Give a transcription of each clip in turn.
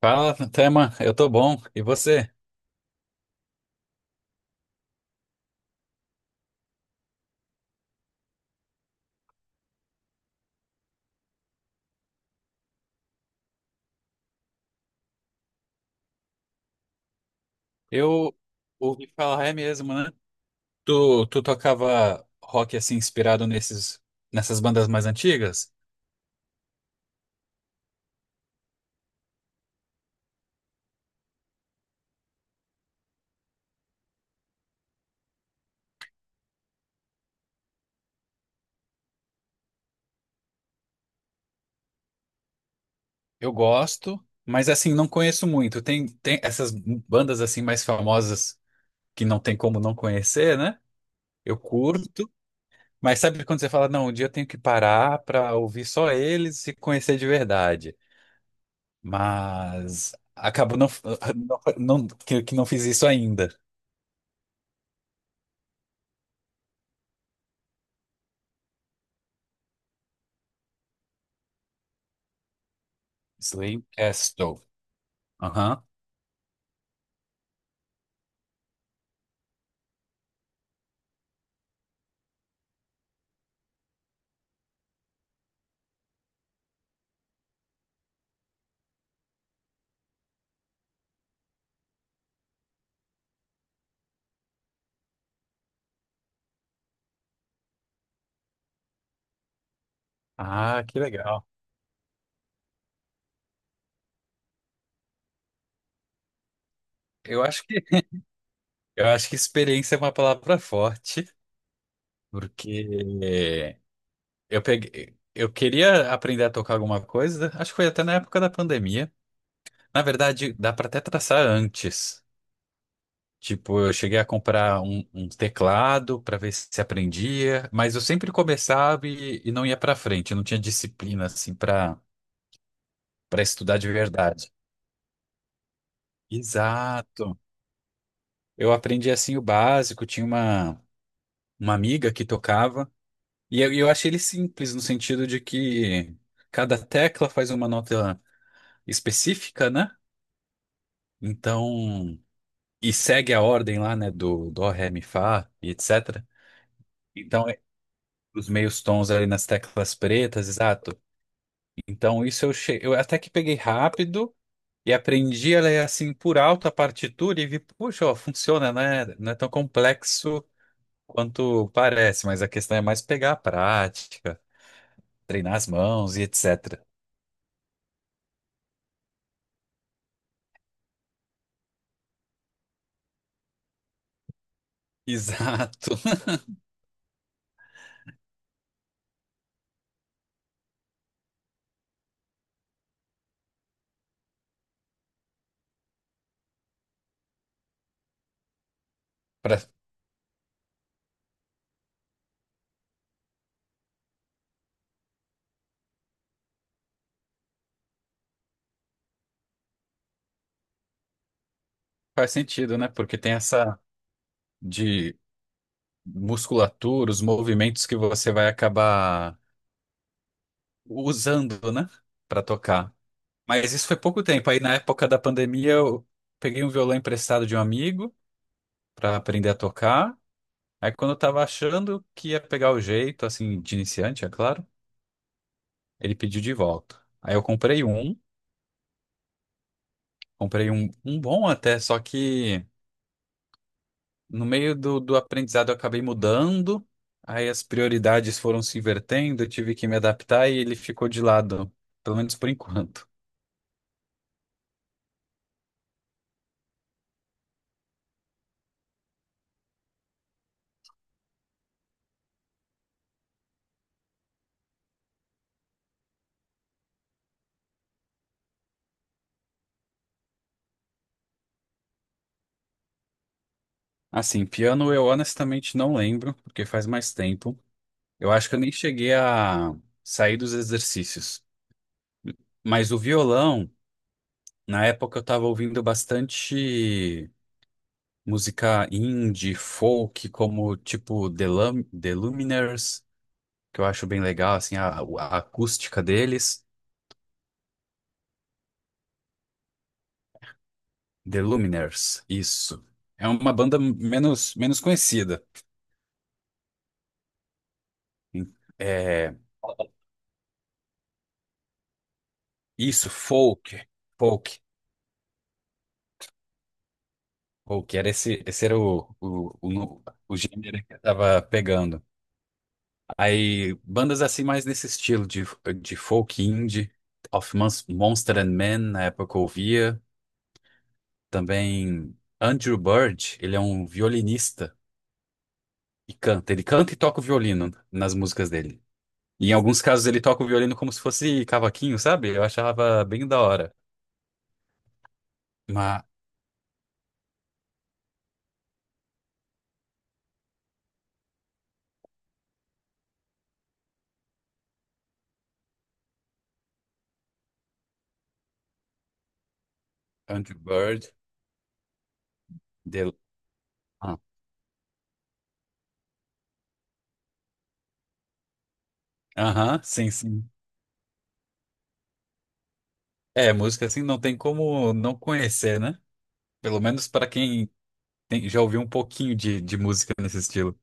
Fala, Tema, eu tô bom. E você? Eu ouvi falar, é mesmo, né? Tu tocava rock assim inspirado nessas bandas mais antigas? Eu gosto, mas assim, não conheço muito. Tem essas bandas assim mais famosas que não tem como não conhecer, né? Eu curto, mas sabe quando você fala, não, um dia eu tenho que parar pra ouvir só eles e conhecer de verdade. Mas acabo não, não, não que não fiz isso ainda. Slim Castle. Aham. Ah, que legal. Eu acho que eu acho que experiência é uma palavra forte, porque eu peguei, eu queria aprender a tocar alguma coisa, acho que foi até na época da pandemia. Na verdade, dá para até traçar antes. Tipo, eu cheguei a comprar um teclado para ver se aprendia, mas eu sempre começava e não ia para frente, eu não tinha disciplina assim para para estudar de verdade. Exato. Eu aprendi assim o básico, tinha uma amiga que tocava. E eu achei ele simples no sentido de que cada tecla faz uma nota específica, né? Então, e segue a ordem lá, né, do dó, ré, mi, fá e etc. Então, os meios tons ali nas teclas pretas, exato. Então, isso eu, eu até que peguei rápido e aprendi ela é assim por alto a partitura e vi, puxa, ó, funciona, né? Não é tão complexo quanto parece, mas a questão é mais pegar a prática, treinar as mãos e etc. Exato. Pra- Faz sentido, né? Porque tem essa de musculatura, os movimentos que você vai acabar usando, né? Pra tocar. Mas isso foi pouco tempo. Aí na época da pandemia eu peguei um violão emprestado de um amigo pra aprender a tocar. Aí quando eu tava achando que ia pegar o jeito, assim, de iniciante, é claro, ele pediu de volta. Aí eu comprei um bom até, só que no meio do aprendizado, eu acabei mudando, aí as prioridades foram se invertendo, eu tive que me adaptar e ele ficou de lado, pelo menos por enquanto. Assim, piano eu honestamente não lembro, porque faz mais tempo. Eu acho que eu nem cheguei a sair dos exercícios. Mas o violão, na época eu tava ouvindo bastante música indie, folk, como tipo The Lumineers, que eu acho bem legal, assim, a acústica deles. The Lumineers, isso. É uma banda menos conhecida. É, isso, folk, folk, folk. Era esse era o, no- o gênero que eu tava pegando. Aí, bandas assim mais nesse estilo de folk indie, of Monster and Men, na época eu ouvia. Também Andrew Bird, ele é um violinista e canta. Ele canta e toca o violino nas músicas dele. E em alguns casos ele toca o violino como se fosse cavaquinho, sabe? Eu achava bem da hora. Mas Andrew Bird, The... ah, aham, sim, sim. É, música assim não tem como não conhecer, né? Pelo menos para quem já ouviu um pouquinho de música nesse estilo.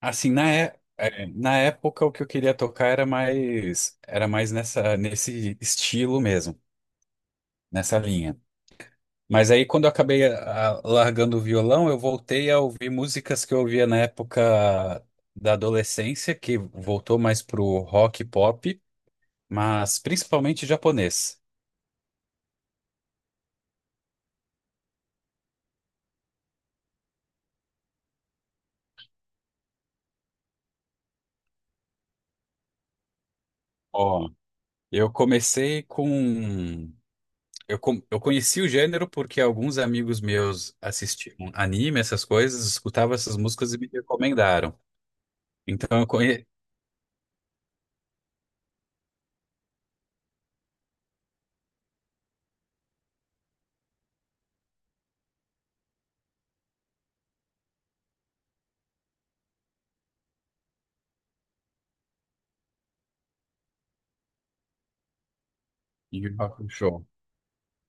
Assim, na época o que eu queria tocar era mais nessa nesse estilo mesmo, nessa linha. Mas aí, quando eu acabei largando o violão, eu voltei a ouvir músicas que eu ouvia na época da adolescência, que voltou mais pro rock e pop, mas principalmente japonês. Ó, eu comecei com. Eu, eu conheci o gênero porque alguns amigos meus assistiam anime, essas coisas, escutavam essas músicas e me recomendaram. Então eu conheci.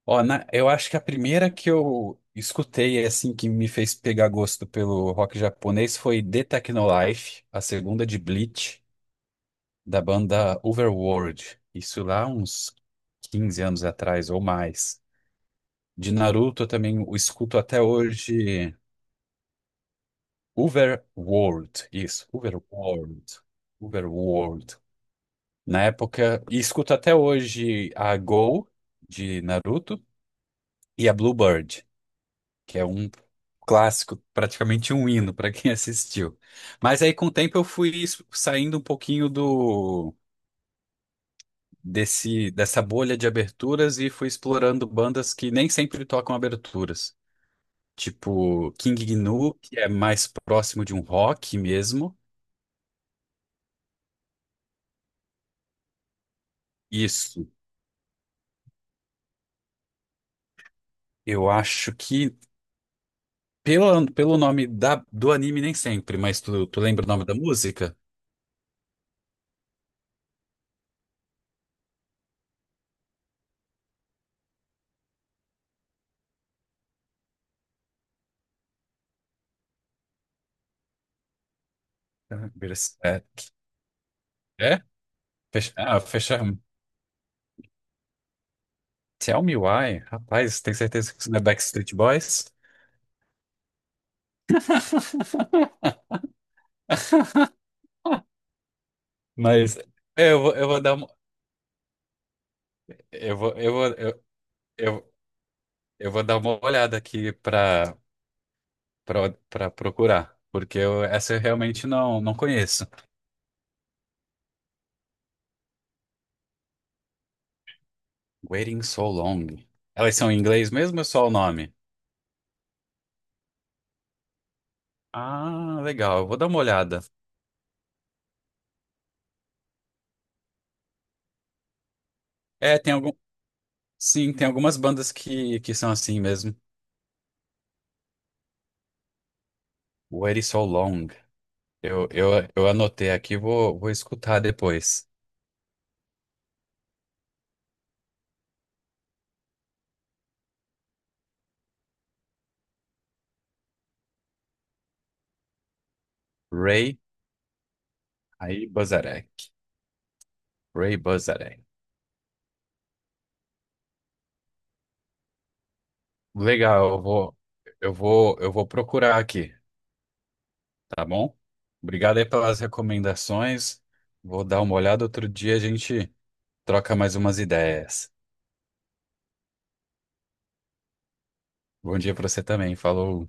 Ó, eu acho que a primeira que eu escutei, assim, que me fez pegar gosto pelo rock japonês foi The Technolife, a segunda de Bleach, da banda Overworld. Isso lá uns 15 anos atrás ou mais. De Naruto eu também o escuto até hoje. Overworld, isso, Overworld, Overworld. Na época, e escuto até hoje a Go de Naruto e a Bluebird, que é um clássico, praticamente um hino para quem assistiu. Mas aí com o tempo eu fui saindo um pouquinho do desse dessa bolha de aberturas e fui explorando bandas que nem sempre tocam aberturas, tipo King Gnu, que é mais próximo de um rock mesmo. Isso. Eu acho que pelo, pelo nome do anime, nem sempre, mas tu lembra o nome da música? Berserk. É? Fechar. Tell me why. Rapaz, tenho certeza que isso não é Backstreet Boys. Mas é, eu vou dar uma. Eu vou, eu vou, eu, eu, Eu vou dar uma olhada aqui para para procurar, porque eu, essa eu realmente não não conheço. Waiting So Long. Elas são em inglês mesmo ou é só o nome? Ah, legal. Eu vou dar uma olhada. É, tem algum, sim, tem algumas bandas que são assim mesmo. Waiting So Long. Eu eu, eu anotei aqui, vou escutar depois. Ray aí Bozarek. Ray Bozarek. Legal, eu vou procurar aqui. Tá bom? Obrigado aí pelas recomendações. Vou dar uma olhada outro dia, a gente troca mais umas ideias. Bom dia pra você também. Falou.